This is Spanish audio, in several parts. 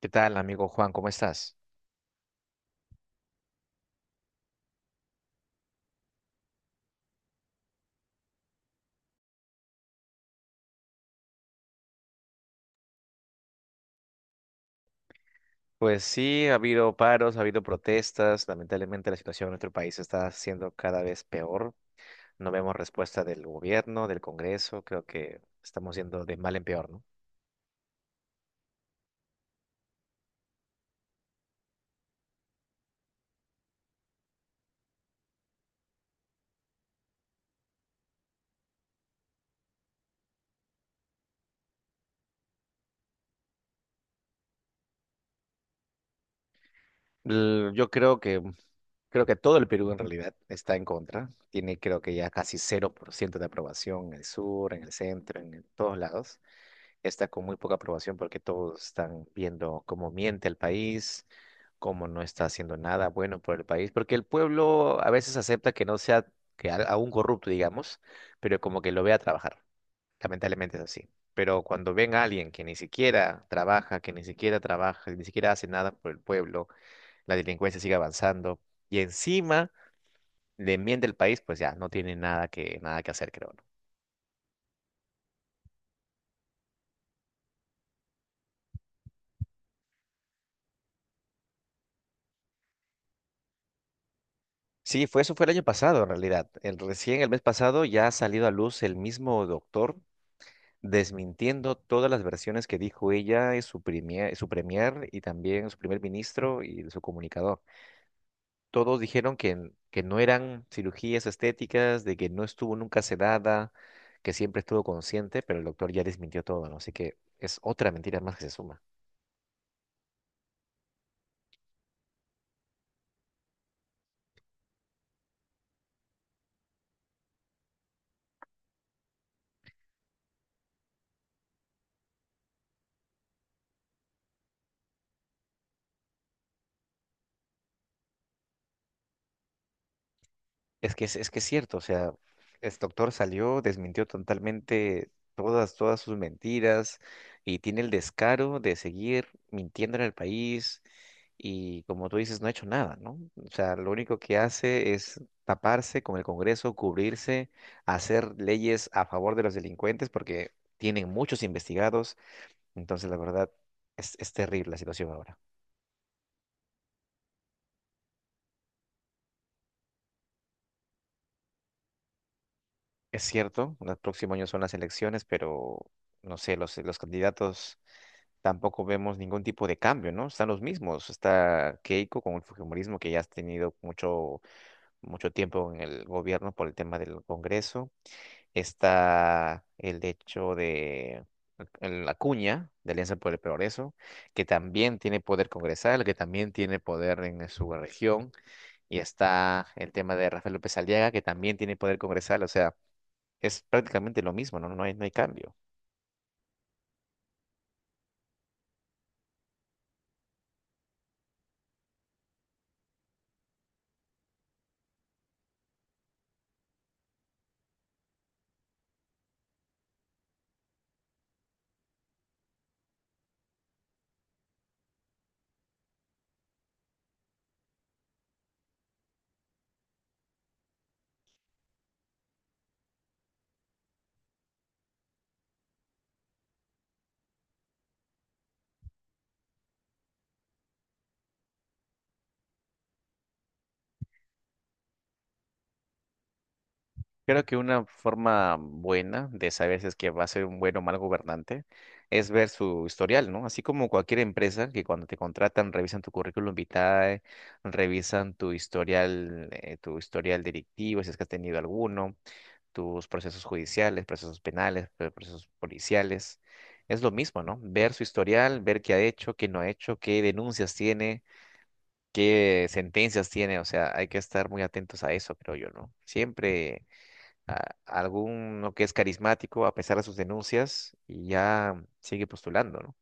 ¿Qué tal, amigo Juan? ¿Cómo estás? Pues sí, ha habido paros, ha habido protestas. Lamentablemente la situación en nuestro país está siendo cada vez peor. No vemos respuesta del gobierno, del Congreso. Creo que estamos yendo de mal en peor, ¿no? Yo creo que todo el Perú en realidad está en contra. Tiene creo que ya casi 0% de aprobación en el sur, en el centro, en todos lados. Está con muy poca aprobación porque todos están viendo cómo miente el país, cómo no está haciendo nada bueno por el país, porque el pueblo a veces acepta que no sea que aún corrupto, digamos, pero como que lo vea trabajar. Lamentablemente es así. Pero cuando ven a alguien que ni siquiera trabaja, que ni siquiera hace nada por el pueblo, la delincuencia sigue avanzando y encima le miente el país, pues ya no tiene nada que hacer, creo. Sí, fue el año pasado en realidad. El, recién el mes pasado ya ha salido a luz el mismo doctor desmintiendo todas las versiones que dijo ella y su premier y también su primer ministro y su comunicador. Todos dijeron que no eran cirugías estéticas, de que no estuvo nunca sedada, que siempre estuvo consciente, pero el doctor ya desmintió todo, ¿no? Así que es otra mentira más que se suma. Es que es cierto, o sea, este doctor salió, desmintió totalmente todas sus mentiras y tiene el descaro de seguir mintiendo en el país y como tú dices, no ha hecho nada, ¿no? O sea, lo único que hace es taparse con el Congreso, cubrirse, hacer leyes a favor de los delincuentes porque tienen muchos investigados, entonces la verdad es terrible la situación ahora. Es cierto, el próximo año son las elecciones, pero no sé, los candidatos tampoco vemos ningún tipo de cambio, ¿no? Están los mismos. Está Keiko con el fujimorismo que ya has tenido mucho tiempo en el gobierno por el tema del Congreso. Está el hecho de la cuña de Alianza por el Progreso, que también tiene poder congresal, que también tiene poder en su región. Y está el tema de Rafael López Aliaga, que también tiene poder congresal. O sea, es prácticamente lo mismo, ¿no? No hay cambio. Creo que una forma buena de saber si es que va a ser un buen o mal gobernante es ver su historial, ¿no? Así como cualquier empresa que cuando te contratan revisan tu currículum vitae, revisan tu historial delictivo, si es que has tenido alguno, tus procesos judiciales, procesos penales, procesos policiales. Es lo mismo, ¿no? Ver su historial, ver qué ha hecho, qué no ha hecho, qué denuncias tiene, qué sentencias tiene. O sea, hay que estar muy atentos a eso, creo yo, ¿no? Siempre alguno que es carismático a pesar de sus denuncias y ya sigue postulando, ¿no?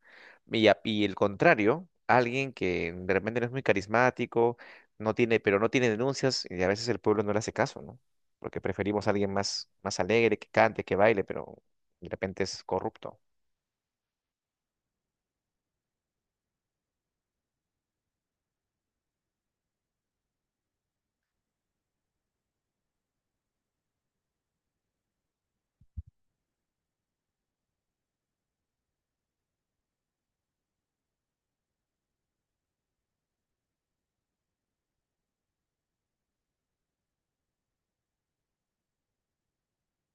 Y, y el contrario, alguien que de repente no es muy carismático, pero no tiene denuncias y a veces el pueblo no le hace caso, ¿no? Porque preferimos a alguien más alegre, que cante, que baile, pero de repente es corrupto.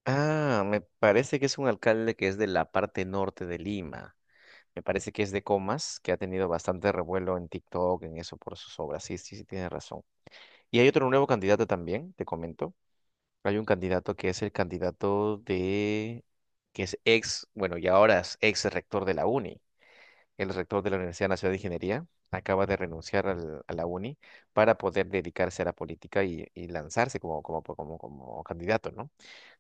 Ah, me parece que es un alcalde que es de la parte norte de Lima. Me parece que es de Comas, que ha tenido bastante revuelo en TikTok, en eso, por sus obras. Sí, sí, sí, tiene razón. Y hay otro nuevo candidato también, te comento. Hay un candidato que es el candidato de, que es ex, bueno, y ahora es ex rector de la UNI. El rector de la Universidad Nacional de Ingeniería acaba de renunciar a la uni para poder dedicarse a la política y lanzarse como candidato, ¿no?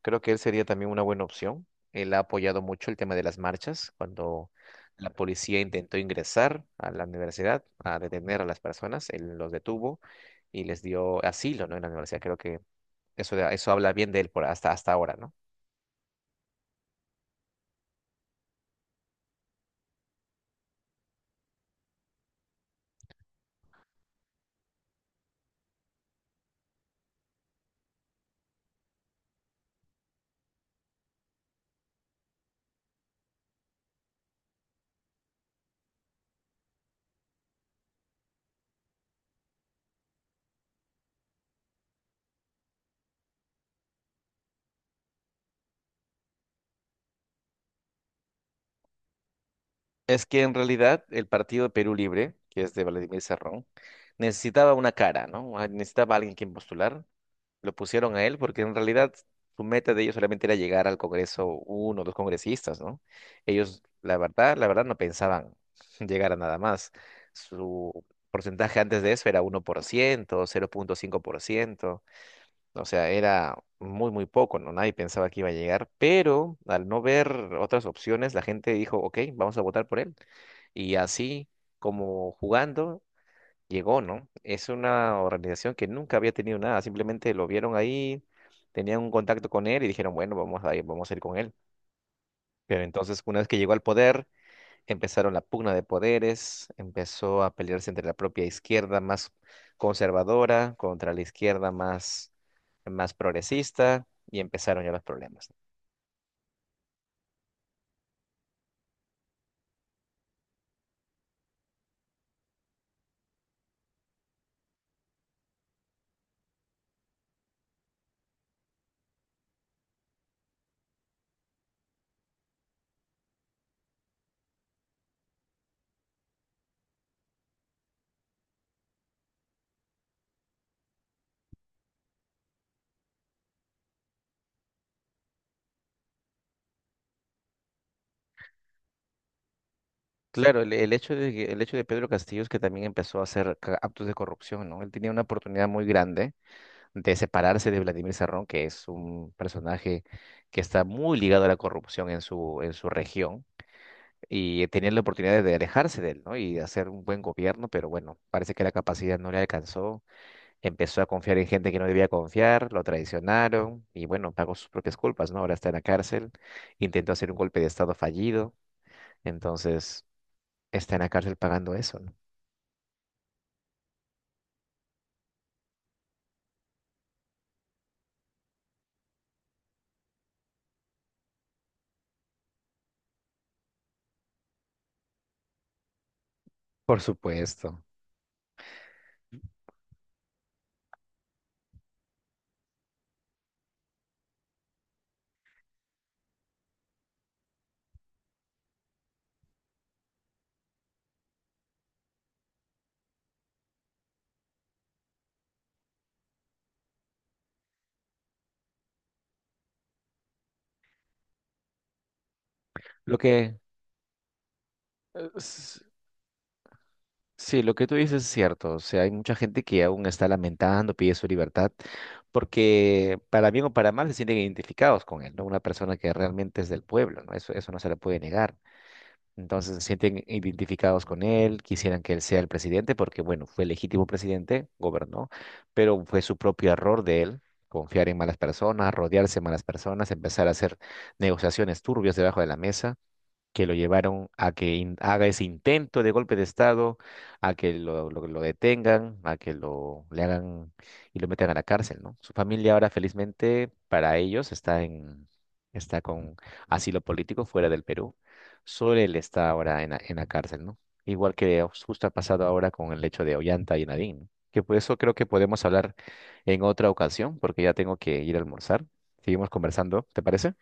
Creo que él sería también una buena opción. Él ha apoyado mucho el tema de las marchas cuando la policía intentó ingresar a la universidad a detener a las personas. Él los detuvo y les dio asilo, ¿no? En la universidad. Creo que eso habla bien de él por hasta ahora, ¿no? Es que en realidad el partido de Perú Libre, que es de Vladimir Cerrón, necesitaba una cara, ¿no? Ah, necesitaba alguien quien postular. Lo pusieron a él porque en realidad su meta de ellos solamente era llegar al Congreso uno o dos congresistas, ¿no? Ellos, la verdad no pensaban llegar a nada más. Su porcentaje antes de eso era 1%, 0.5%. O sea, era muy poco, ¿no? Nadie pensaba que iba a llegar, pero al no ver otras opciones, la gente dijo, ok, vamos a votar por él. Y así como jugando, llegó, ¿no? Es una organización que nunca había tenido nada, simplemente lo vieron ahí, tenían un contacto con él y dijeron, bueno, vamos a ir con él. Pero entonces, una vez que llegó al poder, empezaron la pugna de poderes, empezó a pelearse entre la propia izquierda más conservadora contra la izquierda más progresista y empezaron ya los problemas. Claro, el hecho de, el hecho de Pedro Castillo es que también empezó a hacer actos de corrupción, ¿no? Él tenía una oportunidad muy grande de separarse de Vladimir Serrón, que es un personaje que está muy ligado a la corrupción en en su región, y tenían la oportunidad de alejarse de él, ¿no? Y de hacer un buen gobierno, pero bueno, parece que la capacidad no le alcanzó, empezó a confiar en gente que no debía confiar, lo traicionaron, y bueno, pagó sus propias culpas, ¿no? Ahora está en la cárcel, intentó hacer un golpe de estado fallido, entonces está en la cárcel pagando eso, ¿no? Por supuesto. Lo que eh, s- sí, lo que tú dices es cierto. O sea, hay mucha gente que aún está lamentando, pide su libertad, porque para bien o para mal se sienten identificados con él, ¿no? Una persona que realmente es del pueblo, ¿no? Eso no se le puede negar. Entonces se sienten identificados con él, quisieran que él sea el presidente, porque bueno, fue legítimo presidente, gobernó, pero fue su propio error de él. Confiar en malas personas, rodearse de malas personas, empezar a hacer negociaciones turbias debajo de la mesa que lo llevaron a que haga ese intento de golpe de Estado, a que lo detengan, a que lo le hagan y lo metan a la cárcel, ¿no? Su familia ahora, felizmente, para ellos está en está con asilo político fuera del Perú. Solo él está ahora en en la cárcel, ¿no? Igual que justo ha pasado ahora con el hecho de Ollanta y Nadine, ¿no? Que por eso creo que podemos hablar en otra ocasión, porque ya tengo que ir a almorzar. Seguimos conversando, ¿te parece?